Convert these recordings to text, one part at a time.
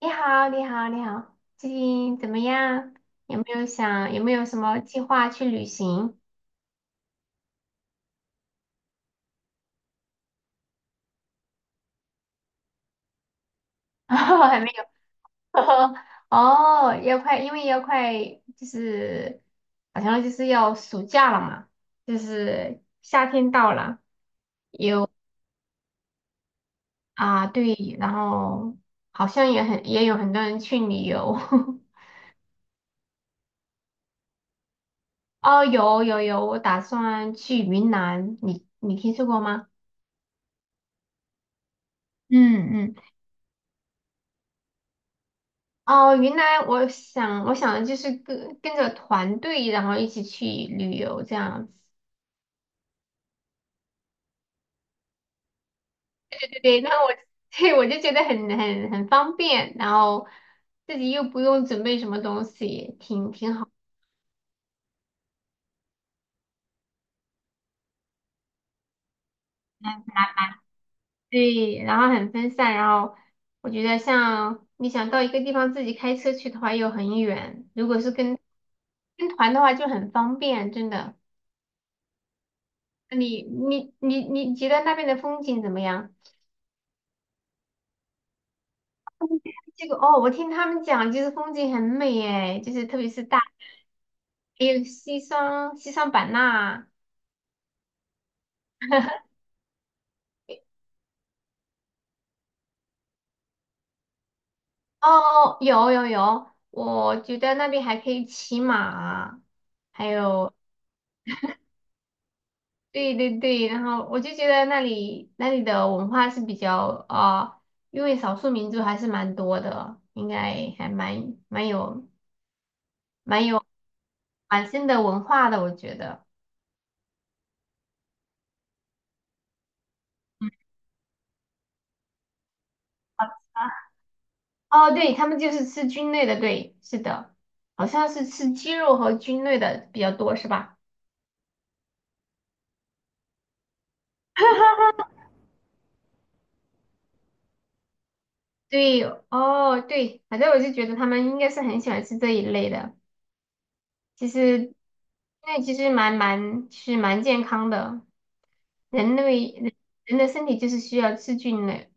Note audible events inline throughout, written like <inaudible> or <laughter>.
你好，你好，你好，最近怎么样？有没有什么计划去旅行？<laughs> 哦，还没有。<laughs> 哦，要快，就是好像就是要暑假了嘛，就是夏天到了啊，对，然后好像也有很多人去旅游。<laughs> 哦，有有有，我打算去云南，你听说过吗？嗯嗯。哦，云南，我想的就是跟着团队，然后一起去旅游这样子。对对，那我 <laughs> 对我就觉得很方便，然后自己又不用准备什么东西，挺好。对，然后很分散，然后我觉得像你想到一个地方自己开车去的话又很远，如果是跟团的话就很方便，真的。那你觉得那边的风景怎么样？这个哦，我听他们讲，就是风景很美诶，就是特别是大，还有西双版纳。哦，有有有，我觉得那边还可以骑马，还有。对对对，然后我就觉得那里的文化是比较因为少数民族还是蛮多的，应该还蛮有蛮深的文化的，我觉得。哦，对，他们就是吃菌类的，对，是的，好像是吃鸡肉和菌类的比较多，是吧？<laughs> 对，哦，对，反正我就觉得他们应该是很喜欢吃这一类的。其实，那其实是蛮健康的。人类人人的身体就是需要吃菌类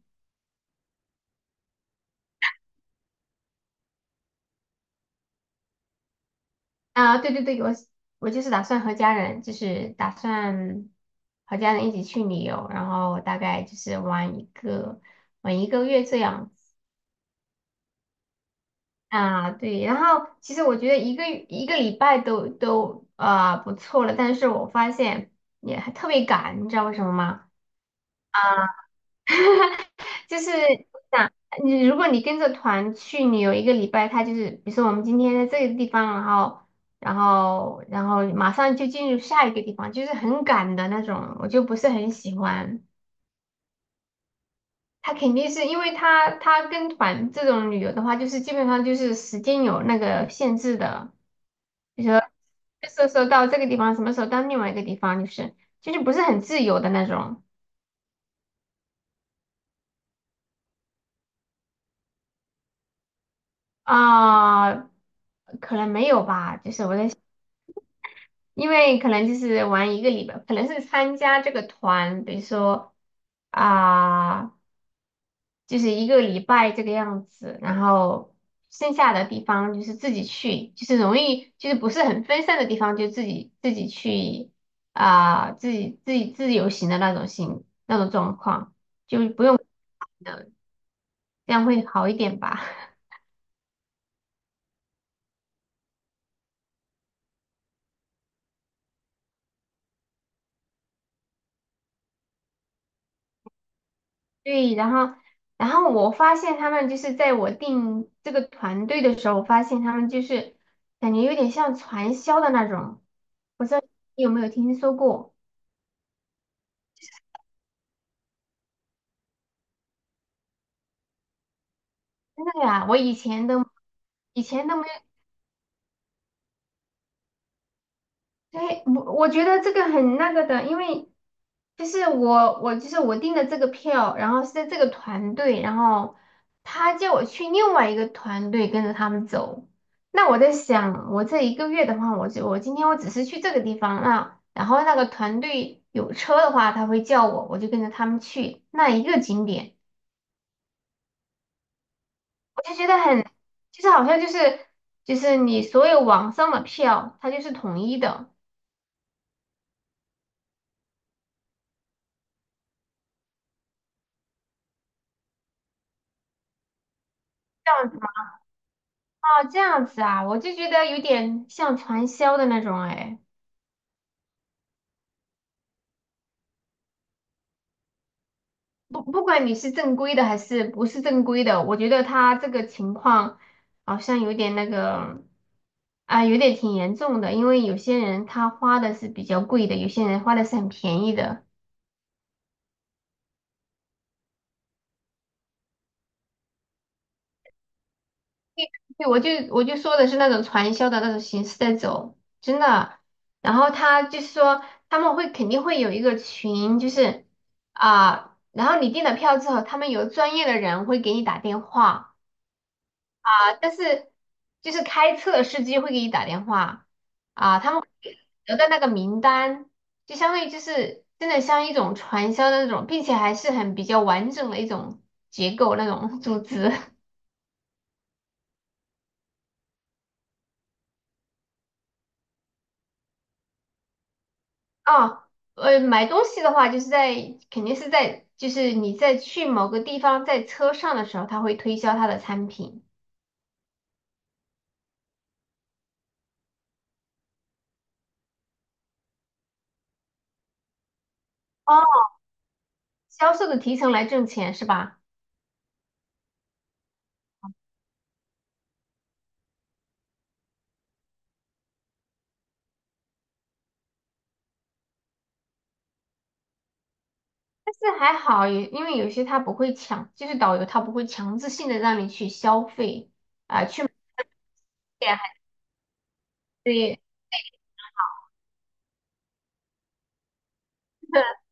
啊。对对对，我就是打算和家人一起去旅游，然后大概就是玩一个月这样啊，对，然后其实我觉得一个礼拜都不错了，但是我发现也还特别赶，你知道为什么吗？就是我想如果你跟着团去，你有一个礼拜，他就是比如说我们今天在这个地方，然后马上就进入下一个地方，就是很赶的那种，我就不是很喜欢。他肯定是因为他跟团这种旅游的话，就是基本上就是时间有那个限制的。你说这时候到这个地方，什么时候到另外一个地方，就是不是很自由的那种啊、可能没有吧，就是我在想因为可能就是玩一个礼拜，可能是参加这个团，比如说啊、就是一个礼拜这个样子，然后剩下的地方就是自己去，就是容易就是不是很分散的地方，就自己去自己自由行的那种状况。就不用，呃这样会好一点吧？<laughs> 对，然后我发现他们就是在我定这个团队的时候，我发现他们就是感觉有点像传销的那种，不知道你有没有听说过？真的呀，我以前都没有。对，我觉得这个很那个的，因为就是我订的这个票，然后是在这个团队，然后他叫我去另外一个团队跟着他们走。那我在想，我这一个月的话，我今天只是去这个地方啊，然后那个团队有车的话，他会叫我，我就跟着他们去那一个景点，我就觉得很，就是好像就是你所有网上的票，它就是统一的。这样。哦，这样子啊，我就觉得有点像传销的那种哎，不管你是正规的还是不是正规的，我觉得他这个情况好像有点那个啊，有点挺严重的，因为有些人他花的是比较贵的，有些人花的是很便宜的。对，我就说的是那种传销的那种形式在走，真的。然后他就是说他们肯定会有一个群，就是啊。然后你订了票之后，他们有专业的人会给你打电话，但是就是开车的司机会给你打电话啊，他们得到那个名单，就相当于就是真的像一种传销的那种，并且还是很比较完整的一种结构那种组织。 <laughs> 啊。买东西的话，就是在肯定是在就是你在去某个地方在车上的时候，他会推销他的产品，哦，销售的提成来挣钱是吧？但是还好，因为有些他不会强，就是导游他不会强制性的让你去消费。对呀，对 <laughs>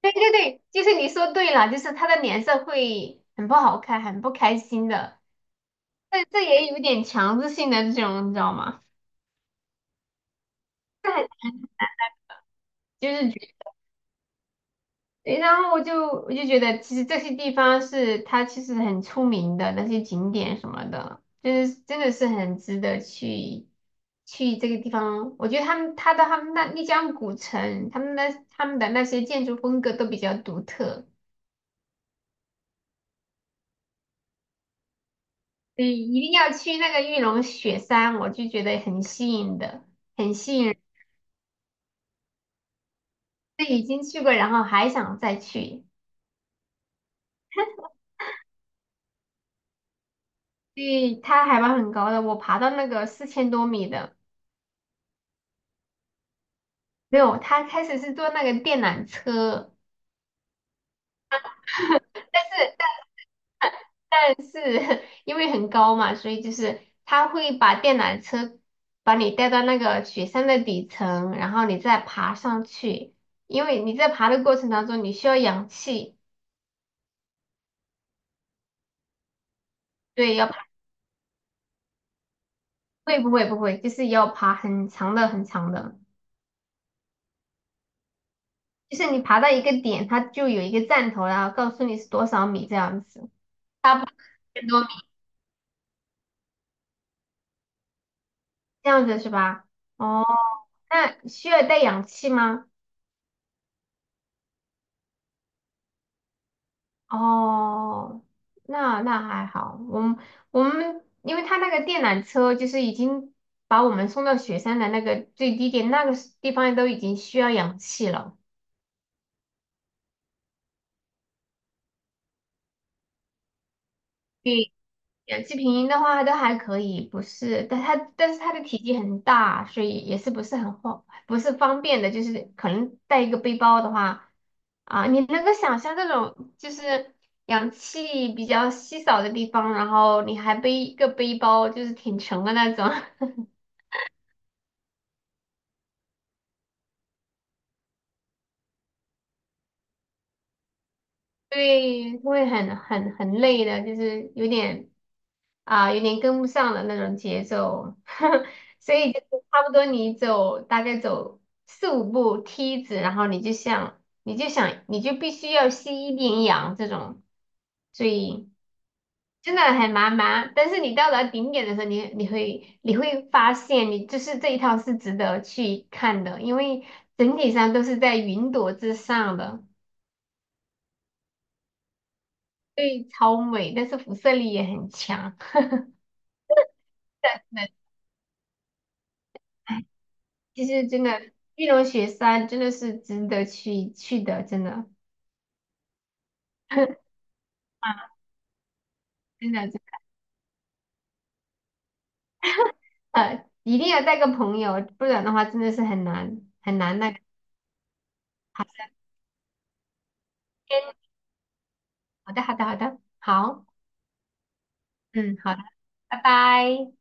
对对对，就是你说对了，就是他的脸色会很不好看，很不开心的。这也有点强制性的这种，你知道吗？这很就是觉对然后我就觉得，其实这些地方是它其实很出名的那些景点什么的，就是真的是很值得去这个地方。我觉得他们那丽江古城，他们的那些建筑风格都比较独特。对，一定要去那个玉龙雪山，我就觉得很吸引的，很吸引人。对已经去过，然后还想再去。对，它海拔很高的，我爬到那个4000多米的，没有，它开始是坐那个电缆车，但是但是 <laughs> 因为很高嘛，所以就是他会把电缆车把你带到那个雪山的底层，然后你再爬上去，因为你在爬的过程当中，你需要氧气。对，不会不会，就是要爬很长的很长的，就是你爬到一个点，它就有一个站头，然后告诉你是多少米这样子，很多米这样子是吧？哦，那需要带氧气吗？哦，那还好，我们因为他那个电缆车就是已经把我们送到雪山的那个最低点，那个地方都已经需要氧气了。氧气瓶的话都还可以，不是，但是它的体积很大，所以也是不是很方不是方便的，就是可能带一个背包的话啊，你能够想象这种就是氧气比较稀少的地方，然后你还背一个背包，就是挺沉的那种，<laughs> 对，会很累的，就是有点跟不上了那种节奏，<laughs> 所以就是差不多你大概走4、5步梯子，然后你就像，你就想你就必须要吸一点氧这种，所以真的很麻麻。但是你到达顶点的时候，你会发现你就是这一套是值得去看的，因为整体上都是在云朵之上的，所以超美，但是辐射力也很强。<laughs> 真的其实真的，玉龙雪山真的是值得去的，真的，<laughs> 真的啊，真的，一定要带个朋友，不然的话真的是很难很难那个。好的，嗯好的，好的，好的，好，嗯，好的，拜拜。